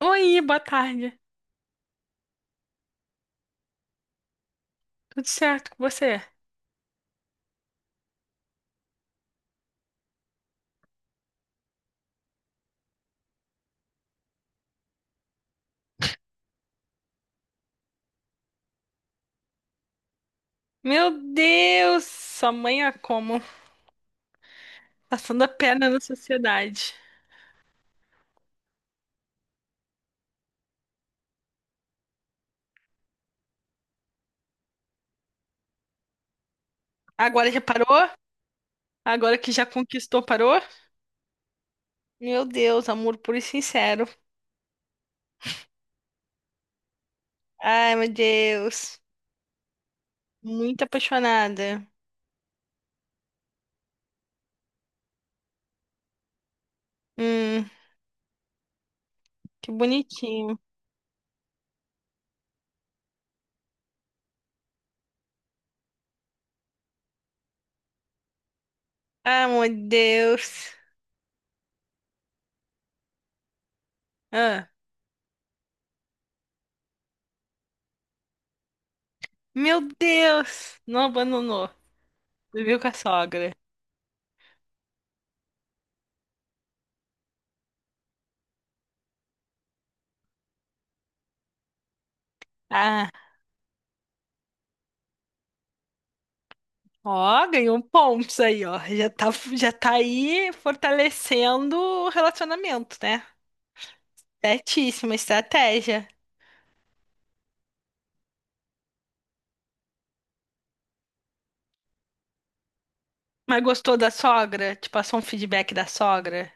Oi, boa tarde. Tudo certo com você? Meu Deus, sua mãe é como? Passando a perna na sociedade. Agora já parou? Agora que já conquistou, parou? Meu Deus, amor puro e sincero. Ai, meu Deus. Muito apaixonada. Hum, que bonitinho. Ai, meu Deus. Ah, meu Deus. Não abandonou. Viveu com a sogra. Ah. Ó, ganhou pontos aí, ó. Já tá aí fortalecendo o relacionamento, né? Certíssima estratégia. Mas gostou da sogra? Te passou um feedback da sogra?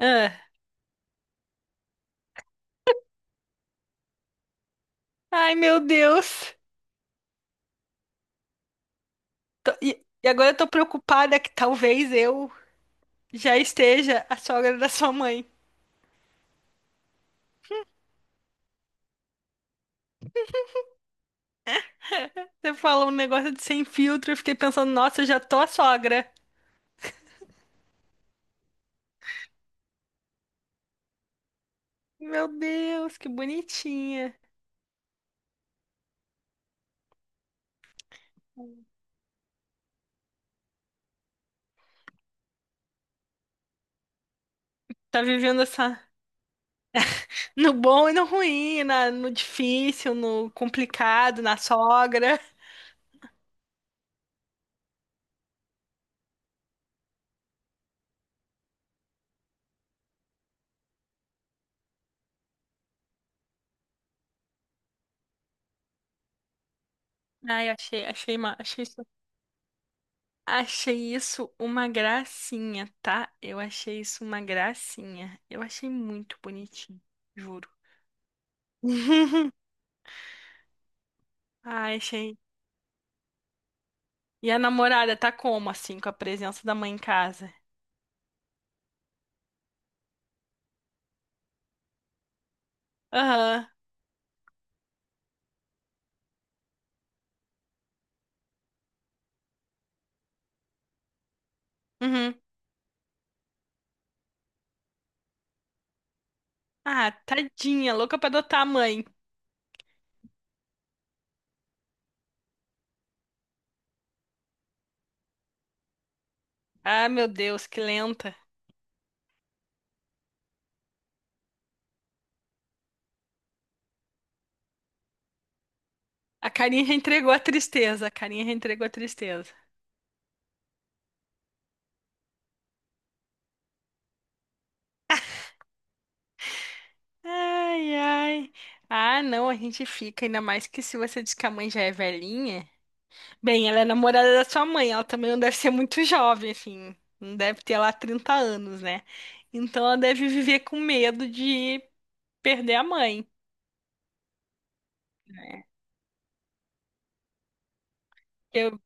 Ah. Ai, meu Deus. E agora eu tô preocupada que talvez eu já esteja a sogra da sua mãe. Você falou um negócio de sem filtro, eu fiquei pensando, nossa, eu já tô a sogra. Meu Deus, que bonitinha. Tá vivendo essa. No bom e no ruim, no difícil, no complicado, na sogra. Ai, achei, achei isso uma gracinha, tá? Eu achei isso uma gracinha. Eu achei muito bonitinho, juro. Ai, achei. E a namorada tá como, assim, com a presença da mãe em casa? Aham, uhum. Ah, tadinha, louca pra adotar a mãe. Ah, meu Deus, que lenta. A carinha já entregou a tristeza, a carinha já entregou a tristeza. Ai, ai. Ah, não, a gente fica, ainda mais que se você diz que a mãe já é velhinha. Bem, ela é namorada da sua mãe, ela também não deve ser muito jovem, assim. Não deve ter lá 30 anos, né? Então ela deve viver com medo de perder a mãe. Eu,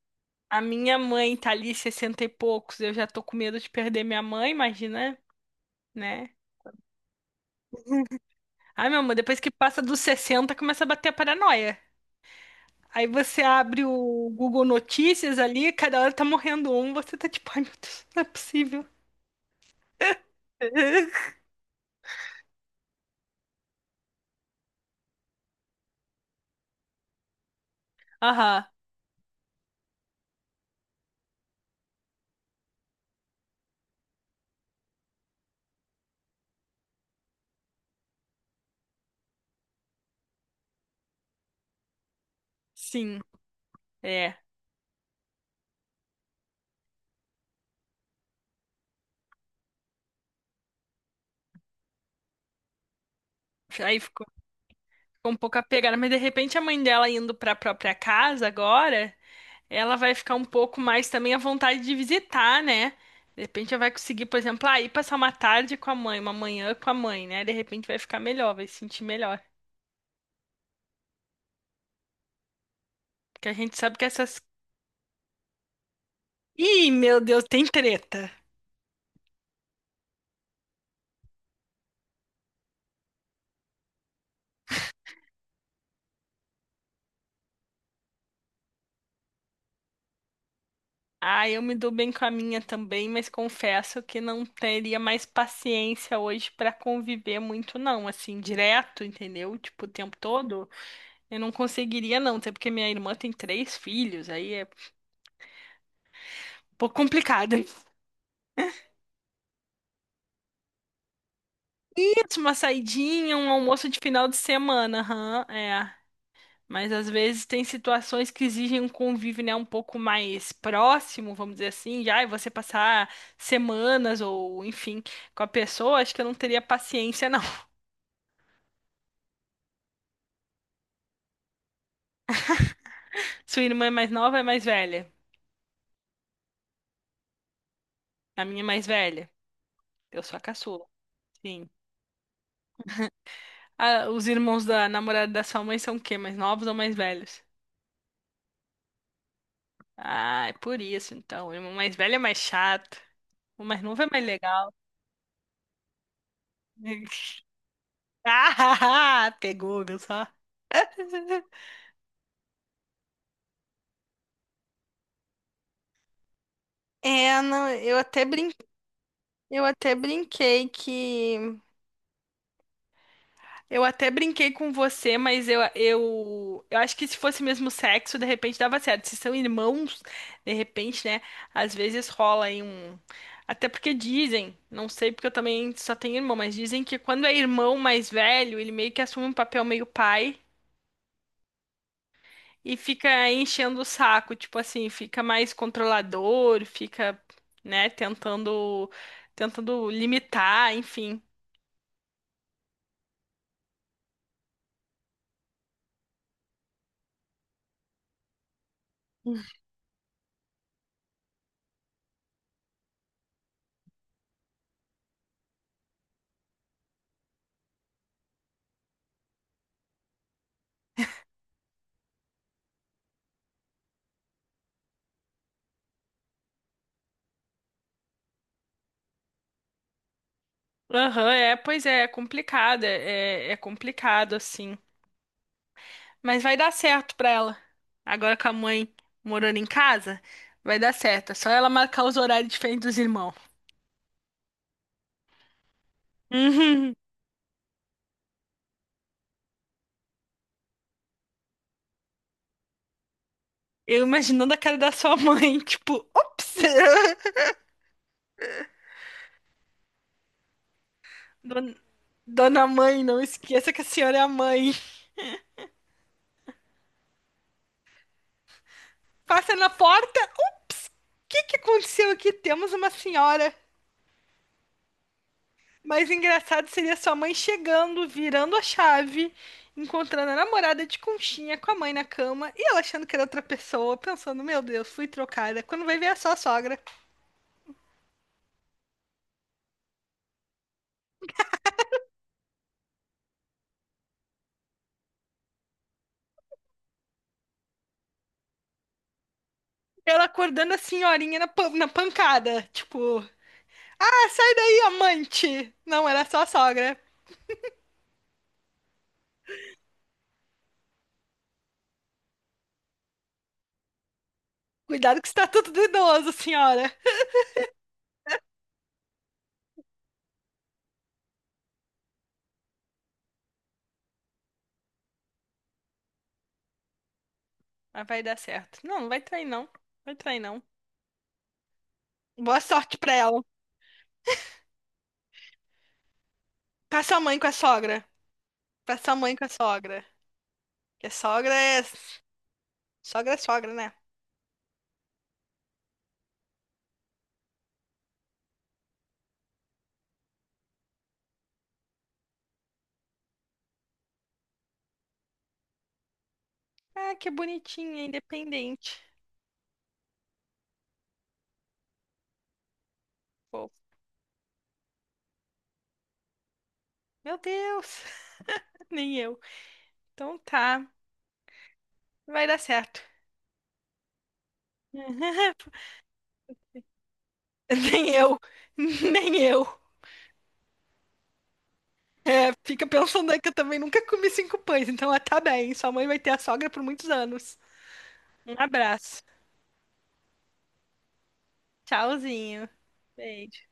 a minha mãe tá ali 60 e poucos, eu já tô com medo de perder minha mãe, imagina, né? Ai, meu amor, depois que passa dos 60, começa a bater a paranoia. Aí você abre o Google Notícias ali, cada hora tá morrendo um, você tá tipo, ai meu Deus, não é possível. Aham, sim, é. Aí ficou, ficou um pouco apegada, mas de repente a mãe dela indo pra própria casa agora, ela vai ficar um pouco mais também à vontade de visitar, né? De repente ela vai conseguir, por exemplo, ah, ir passar uma tarde com a mãe, uma manhã com a mãe, né? De repente vai ficar melhor, vai se sentir melhor. Porque a gente sabe que essas. Ih, meu Deus, tem treta. Ah, eu me dou bem com a minha também, mas confesso que não teria mais paciência hoje pra conviver muito, não, assim, direto, entendeu? Tipo, o tempo todo, eu não conseguiria, não, até porque minha irmã tem três filhos, aí é um pouco complicado. Eu faço Uma saidinha, um almoço de final de semana, aham, é. Mas às vezes tem situações que exigem um convívio, né, um pouco mais próximo, vamos dizer assim, já, e você passar semanas ou, enfim, com a pessoa, acho que eu não teria paciência, não. Sua irmã é mais nova ou é mais velha? A minha é mais velha. Eu sou a caçula. Sim. Ah, os irmãos da namorada da sua mãe são o quê? Mais novos ou mais velhos? Ah, é por isso então. O irmão mais velho é mais chato. O mais novo é mais legal. Ah, pegou, viu só? É, não, eu até brinquei que Eu até brinquei com você, mas eu acho que se fosse mesmo sexo, de repente dava certo. Se são irmãos, de repente, né? Às vezes rola aí um. Até porque dizem, não sei porque eu também só tenho irmão, mas dizem que quando é irmão mais velho, ele meio que assume um papel meio pai e fica enchendo o saco, tipo assim, fica mais controlador, fica, né, tentando limitar, enfim. Aham, é, pois é, é complicado, é, é complicado, assim. Mas vai dar certo pra ela. Agora com a mãe morando em casa, vai dar certo. É só ela marcar os horários diferentes dos irmãos. Uhum. Eu imaginando a cara da sua mãe, tipo, ops! Don- Dona mãe, não esqueça que a senhora é a mãe. Passa na porta. O que que aconteceu aqui? Temos uma senhora. Mas engraçado seria sua mãe chegando, virando a chave, encontrando a namorada de conchinha com a mãe na cama e ela achando que era outra pessoa, pensando, meu Deus, fui trocada. Quando vai ver é só a sogra. Ela acordando a senhorinha na, na pancada, tipo, ah, sai daí, amante! Não, era só a sogra. Cuidado que está tudo do idoso, senhora. Mas vai dar certo. Não, não vai trair, não. Vai trair, não. Boa sorte pra ela. Pra sua mãe com a sogra. Pra sua mãe com a sogra. Porque sogra é. Sogra é sogra, né? Ah, que bonitinha, independente. Pô, meu Deus, nem eu. Então tá, vai dar certo. Nem eu, nem eu. É, fica pensando aí que eu também nunca comi cinco pães, então ela tá bem. Sua mãe vai ter a sogra por muitos anos. Um abraço. Tchauzinho. Beijo.